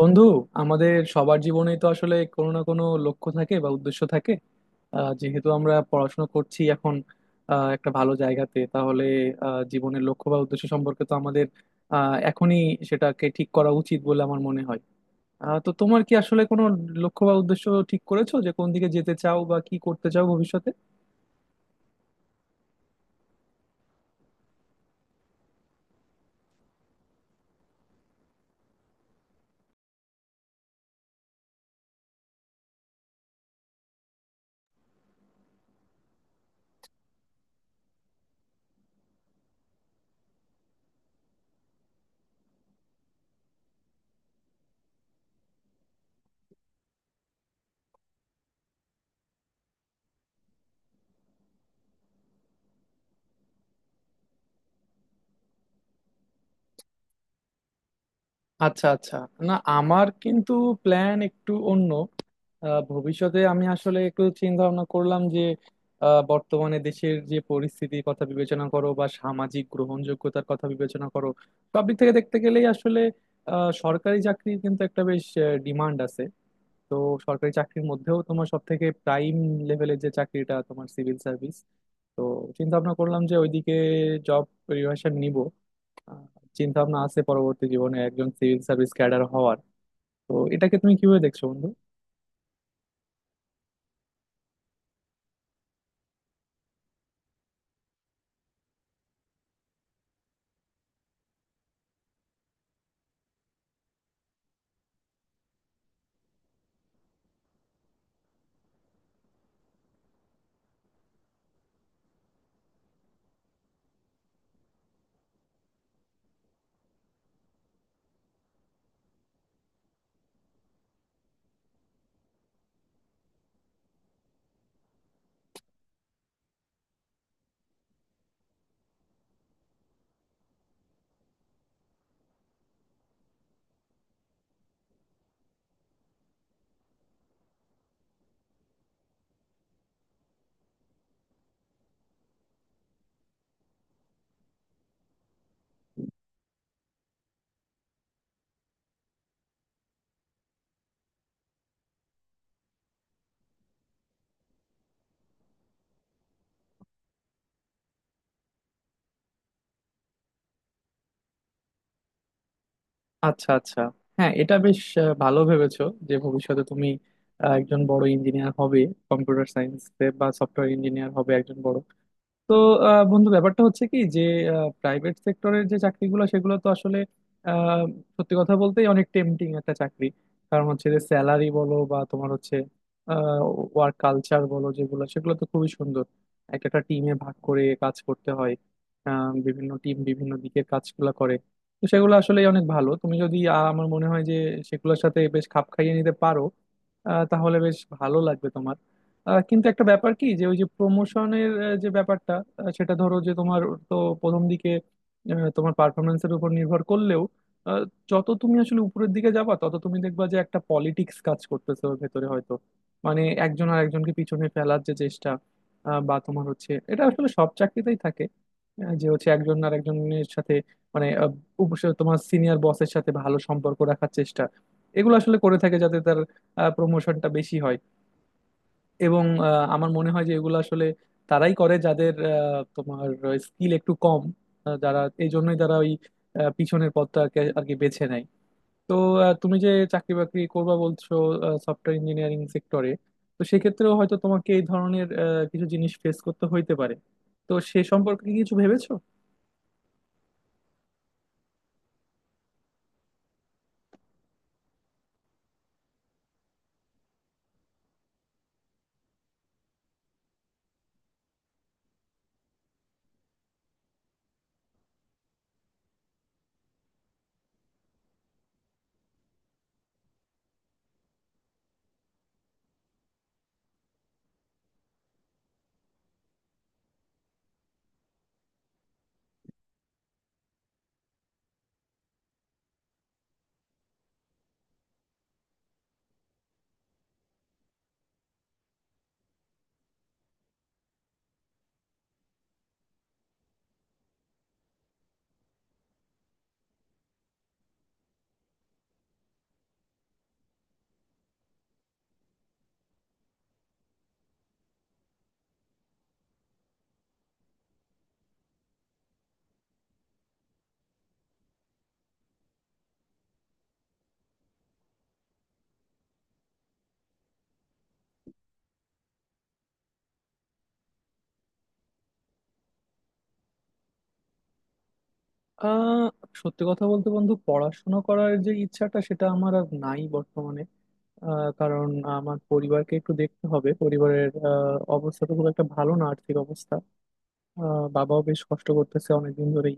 বন্ধু, আমাদের সবার জীবনেই তো আসলে কোনো না কোনো লক্ষ্য থাকে বা উদ্দেশ্য থাকে। যেহেতু আমরা পড়াশোনা করছি এখন, একটা ভালো জায়গাতে তাহলে জীবনের লক্ষ্য বা উদ্দেশ্য সম্পর্কে তো আমাদের এখনই সেটাকে ঠিক করা উচিত বলে আমার মনে হয়। তো তোমার কি আসলে কোনো লক্ষ্য বা উদ্দেশ্য ঠিক করেছো, যে কোন দিকে যেতে চাও বা কি করতে চাও ভবিষ্যতে? আচ্ছা আচ্ছা। না, আমার কিন্তু প্ল্যান একটু অন্য। ভবিষ্যতে আমি আসলে একটু চিন্তা ভাবনা করলাম যে বর্তমানে দেশের যে পরিস্থিতির কথা বিবেচনা করো বা সামাজিক গ্রহণযোগ্যতার কথা বিবেচনা করো, সব দিক থেকে দেখতে গেলেই আসলে সরকারি চাকরির কিন্তু একটা বেশ ডিমান্ড আছে। তো সরকারি চাকরির মধ্যেও তোমার সব থেকে প্রাইম লেভেলের যে চাকরিটা, তোমার সিভিল সার্ভিস। তো চিন্তা ভাবনা করলাম যে ওইদিকে জব প্রিপারেশন নিব। চিন্তা ভাবনা আছে পরবর্তী জীবনে একজন সিভিল সার্ভিস ক্যাডার হওয়ার। তো এটাকে তুমি কিভাবে দেখছো বন্ধু? আচ্ছা আচ্ছা। হ্যাঁ, এটা বেশ ভালো ভেবেছো, যে ভবিষ্যতে তুমি একজন বড় ইঞ্জিনিয়ার হবে, কম্পিউটার সায়েন্স বা সফটওয়্যার ইঞ্জিনিয়ার হবে একজন বড়। তো বন্ধু, ব্যাপারটা হচ্ছে কি, যে প্রাইভেট সেক্টরের যে চাকরিগুলো সেগুলো তো আসলে আহ, সত্যি কথা বলতে অনেক টেম্পটিং একটা চাকরি। কারণ হচ্ছে যে স্যালারি বলো বা তোমার হচ্ছে ওয়ার্ক কালচার বলো, যেগুলো সেগুলো তো খুবই সুন্দর। এক একটা টিমে ভাগ করে কাজ করতে হয়। বিভিন্ন টিম বিভিন্ন দিকে কাজগুলো করে। তো সেগুলো আসলে অনেক ভালো। তুমি যদি আমার মনে হয় যে সেগুলোর সাথে বেশ খাপ খাইয়ে নিতে পারো, তাহলে বেশ ভালো লাগবে তোমার। কিন্তু একটা ব্যাপার কি, যে ওই যে প্রমোশনের যে ব্যাপারটা, সেটা ধরো যে তোমার, তো প্রথম দিকে তোমার পারফরমেন্সের উপর নির্ভর করলেও, আহ, যত তুমি আসলে উপরের দিকে যাবা তত তুমি দেখবা যে একটা পলিটিক্স কাজ করতেছে ওর ভেতরে হয়তো। মানে একজন আর একজনকে পিছনে ফেলার যে চেষ্টা, বা তোমার হচ্ছে এটা আসলে সব চাকরিতেই থাকে। যে হচ্ছে একজন আর একজনের সাথে, মানে তোমার সিনিয়র বসের সাথে ভালো সম্পর্ক রাখার চেষ্টা এগুলো আসলে করে থাকে, যাতে তার প্রমোশনটা বেশি হয়। এবং আমার মনে হয় যে এগুলো আসলে তারাই করে যাদের তোমার স্কিল একটু কম। যারা এই জন্যই তারা ওই পিছনের পথটাকে আর কি বেছে নেয়। তো তুমি যে চাকরি বাকরি করবা বলছো সফটওয়্যার ইঞ্জিনিয়ারিং সেক্টরে, তো সেক্ষেত্রেও হয়তো তোমাকে এই ধরনের কিছু জিনিস ফেস করতে হইতে পারে। তো সে সম্পর্কে কি কিছু ভেবেছো? আহ সত্যি কথা বলতে বন্ধু, পড়াশোনা করার যে ইচ্ছাটা সেটা আমার আর নাই বর্তমানে। কারণ আমার পরিবারকে একটু দেখতে হবে। পরিবারের অবস্থা তো খুব একটা ভালো না, আর্থিক অবস্থা। বাবাও বেশ কষ্ট করতেছে অনেকদিন ধরেই।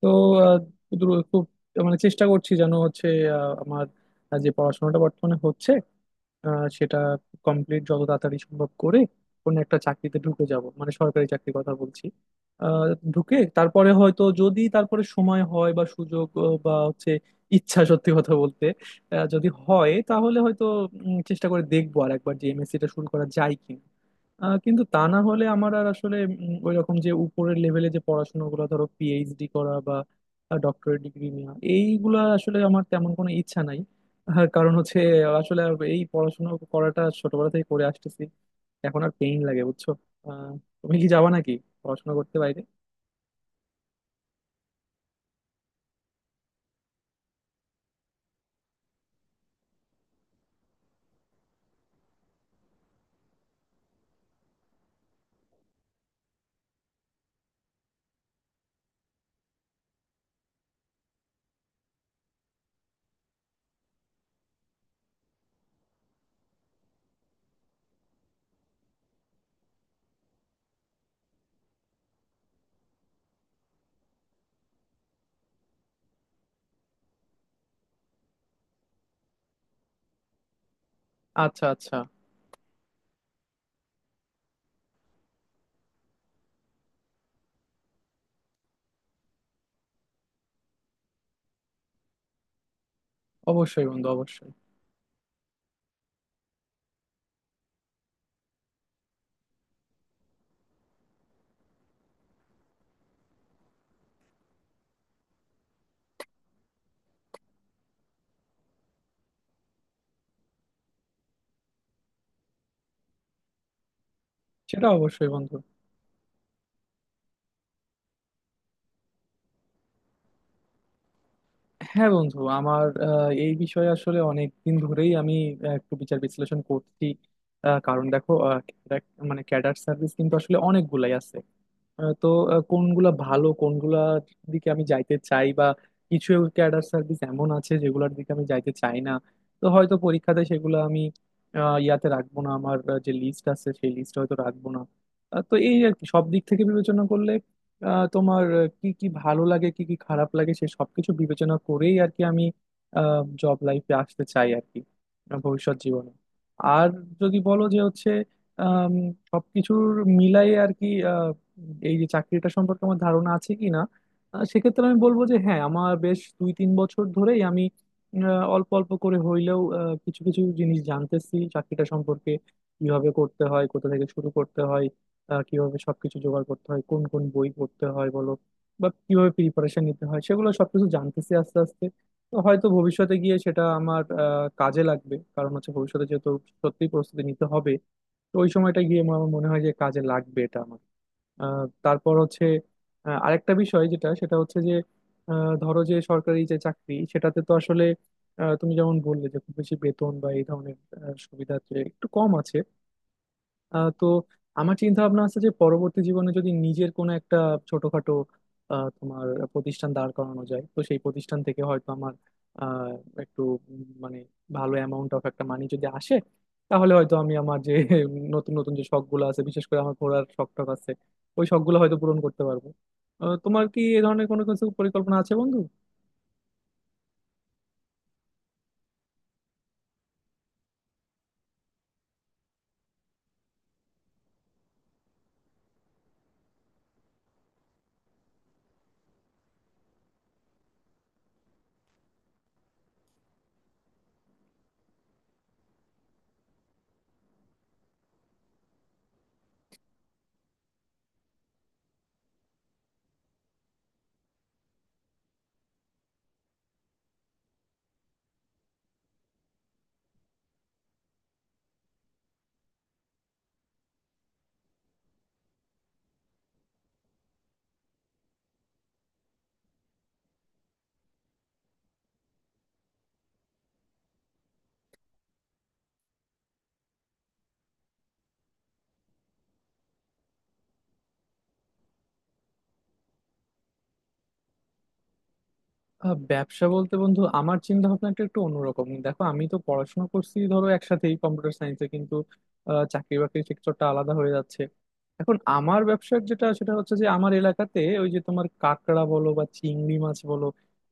তো আহ, খুব মানে চেষ্টা করছি যেন হচ্ছে আমার যে পড়াশোনাটা বর্তমানে হচ্ছে সেটা কমপ্লিট যত তাড়াতাড়ি সম্ভব করে কোনো একটা চাকরিতে ঢুকে যাব, মানে সরকারি চাকরির কথা বলছি। আহ, ঢুকে তারপরে হয়তো যদি তারপরে সময় হয় বা সুযোগ বা হচ্ছে ইচ্ছা, সত্যি কথা বলতে, যদি হয় তাহলে হয়তো চেষ্টা করে দেখবো আর একবার যে এমএসসিটা শুরু করা যায় কিনা। কিন্তু তা না হলে আমার আর আসলে ওই রকম যে উপরের লেভেলে যে পড়াশোনাগুলো, ধরো পিএইচডি করা বা ডক্টরেট ডিগ্রি নেওয়া, এইগুলা আসলে আমার তেমন কোনো ইচ্ছা নাই। কারণ হচ্ছে আসলে আর এই পড়াশোনা করাটা ছোটবেলা থেকে করে আসতেছি, এখন আর পেইন লাগে, বুঝছো? আহ, তুমি কি যাবা নাকি পড়াশোনা করতে বাইরে? আচ্ছা আচ্ছা। অবশ্যই বন্ধু, অবশ্যই। সেটা অবশ্যই বন্ধু। হ্যাঁ বন্ধু, আমার এই বিষয়ে আসলে অনেক দিন ধরেই আমি একটু বিচার বিশ্লেষণ করছি। কারণ দেখো মানে ক্যাডার সার্ভিস কিন্তু আসলে অনেকগুলাই আছে। তো কোনগুলা ভালো, কোনগুলা দিকে আমি যাইতে চাই, বা কিছু ক্যাডার সার্ভিস এমন আছে যেগুলোর দিকে আমি যাইতে চাই না। তো হয়তো পরীক্ষাতে সেগুলো আমি ইয়াতে রাখবো না, আমার যে লিস্ট আছে সেই লিস্ট হয়তো রাখবো না। তো এই আর কি, সব দিক থেকে বিবেচনা করলে তোমার কি কি ভালো লাগে কি কি খারাপ লাগে সে সবকিছু বিবেচনা করেই আর কি আমি জব লাইফে আসতে চাই আর কি, ভবিষ্যৎ জীবনে। আর যদি বলো যে হচ্ছে আম, সবকিছুর মিলাই আর কি, এই যে চাকরিটা সম্পর্কে আমার ধারণা আছে কি না, সেক্ষেত্রে আমি বলবো যে হ্যাঁ, আমার বেশ দুই তিন বছর ধরেই আমি অল্প অল্প করে হইলেও কিছু কিছু জিনিস জানতেছি চাকরিটা সম্পর্কে, কিভাবে করতে হয়, কোথা থেকে শুরু করতে হয়, কিভাবে সবকিছু জোগাড় করতে হয়, কোন কোন বই পড়তে হয় বলো, বা কিভাবে প্রিপারেশন নিতে হয়, সেগুলো সবকিছু জানতেছি আস্তে আস্তে। তো হয়তো ভবিষ্যতে গিয়ে সেটা আমার কাজে লাগবে। কারণ হচ্ছে ভবিষ্যতে যেহেতু সত্যি প্রস্তুতি নিতে হবে, তো ওই সময়টা গিয়ে আমার মনে হয় যে কাজে লাগবে এটা আমার। তারপর হচ্ছে আরেকটা বিষয় যেটা সেটা হচ্ছে যে ধরো যে সরকারি যে চাকরি সেটাতে তো আসলে তুমি যেমন বললে যে খুব বেশি বেতন বা এই ধরনের সুবিধা যে একটু কম আছে। তো আমার চিন্তা ভাবনা আছে যে পরবর্তী জীবনে যদি নিজের কোনো একটা ছোটখাটো তোমার প্রতিষ্ঠান দাঁড় করানো যায়, তো সেই প্রতিষ্ঠান থেকে হয়তো আমার আহ, একটু মানে ভালো অ্যামাউন্ট অফ একটা মানি যদি আসে, তাহলে হয়তো আমি আমার যে নতুন নতুন যে শখগুলো আছে, বিশেষ করে আমার ঘোরার শখ টখ আছে, ওই শখগুলো হয়তো পূরণ করতে পারবো। তোমার কি এ ধরনের কোনো কিছু পরিকল্পনা আছে বন্ধু? ব্যবসা বলতে বন্ধু, আমার চিন্তা ভাবনাটা একটু অন্যরকম। দেখো আমি তো পড়াশোনা করছি ধরো একসাথেই কম্পিউটার সায়েন্সে, কিন্তু চাকরি বাকরির সেক্টরটা আলাদা হয়ে যাচ্ছে। এখন আমার ব্যবসার যেটা সেটা হচ্ছে যে আমার এলাকাতে ওই যে তোমার কাঁকড়া বলো বা চিংড়ি মাছ বলো,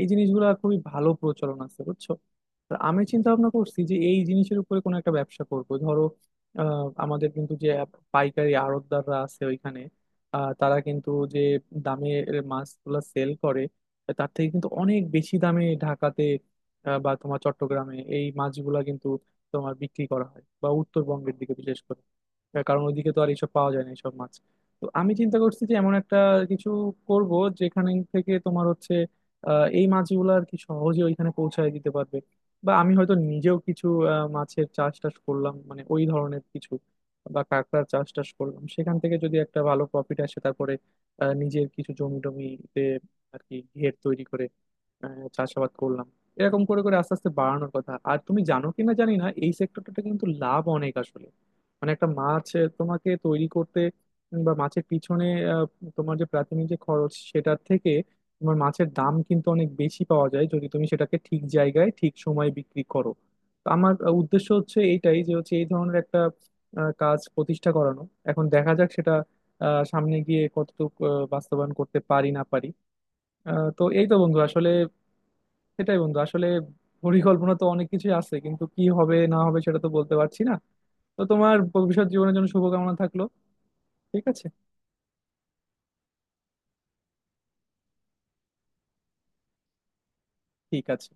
এই জিনিসগুলো খুবই ভালো প্রচলন আছে, বুঝছো? আর আমি চিন্তা ভাবনা করছি যে এই জিনিসের উপরে কোনো একটা ব্যবসা করব। ধরো আমাদের কিন্তু যে পাইকারি আড়তদাররা আছে ওইখানে, তারা কিন্তু যে দামে মাছগুলা সেল করে, তার থেকে কিন্তু অনেক বেশি দামে ঢাকাতে বা তোমার চট্টগ্রামে এই মাছগুলা কিন্তু তোমার বিক্রি করা হয়, বা উত্তরবঙ্গের দিকে বিশেষ করে, কারণ ওইদিকে তো আর এইসব পাওয়া যায় না এইসব মাছ। তো আমি চিন্তা করছি যে এমন একটা কিছু করব, যেখানে থেকে তোমার হচ্ছে এই মাছগুলো আর কি সহজে ওইখানে পৌঁছায় দিতে পারবে। বা আমি হয়তো নিজেও কিছু মাছের চাষ টাস করলাম মানে ওই ধরনের কিছু, বা কাঁকড়ার চাষ টাস করলাম, সেখান থেকে যদি একটা ভালো প্রফিট আসে, তারপরে নিজের কিছু জমি টমিতে আর কি ঘের তৈরি করে চাষাবাদ করলাম, এরকম করে করে আস্তে আস্তে বাড়ানোর কথা। আর তুমি জানো কিনা জানি না, এই সেক্টরটাতে কিন্তু লাভ অনেক আসলে। মানে একটা মাছ তোমাকে তৈরি করতে বা মাছের পিছনে আহ, তোমার যে প্রাথমিক যে খরচ সেটার থেকে তোমার মাছের দাম কিন্তু অনেক বেশি পাওয়া যায়, যদি তুমি সেটাকে ঠিক জায়গায় ঠিক সময়ে বিক্রি করো। তো আমার উদ্দেশ্য হচ্ছে এইটাই, যে হচ্ছে এই ধরনের একটা কাজ প্রতিষ্ঠা করানো। এখন দেখা যাক সেটা সামনে গিয়ে কতটুকু বাস্তবায়ন করতে পারি না পারি। তো এই তো বন্ধু, আসলে সেটাই বন্ধু আসলে। পরিকল্পনা তো অনেক কিছুই আছে, কিন্তু কি হবে না হবে সেটা তো বলতে পারছি না। তো তোমার ভবিষ্যৎ জীবনের জন্য শুভকামনা থাকলো। ঠিক আছে। ঠিক আছে।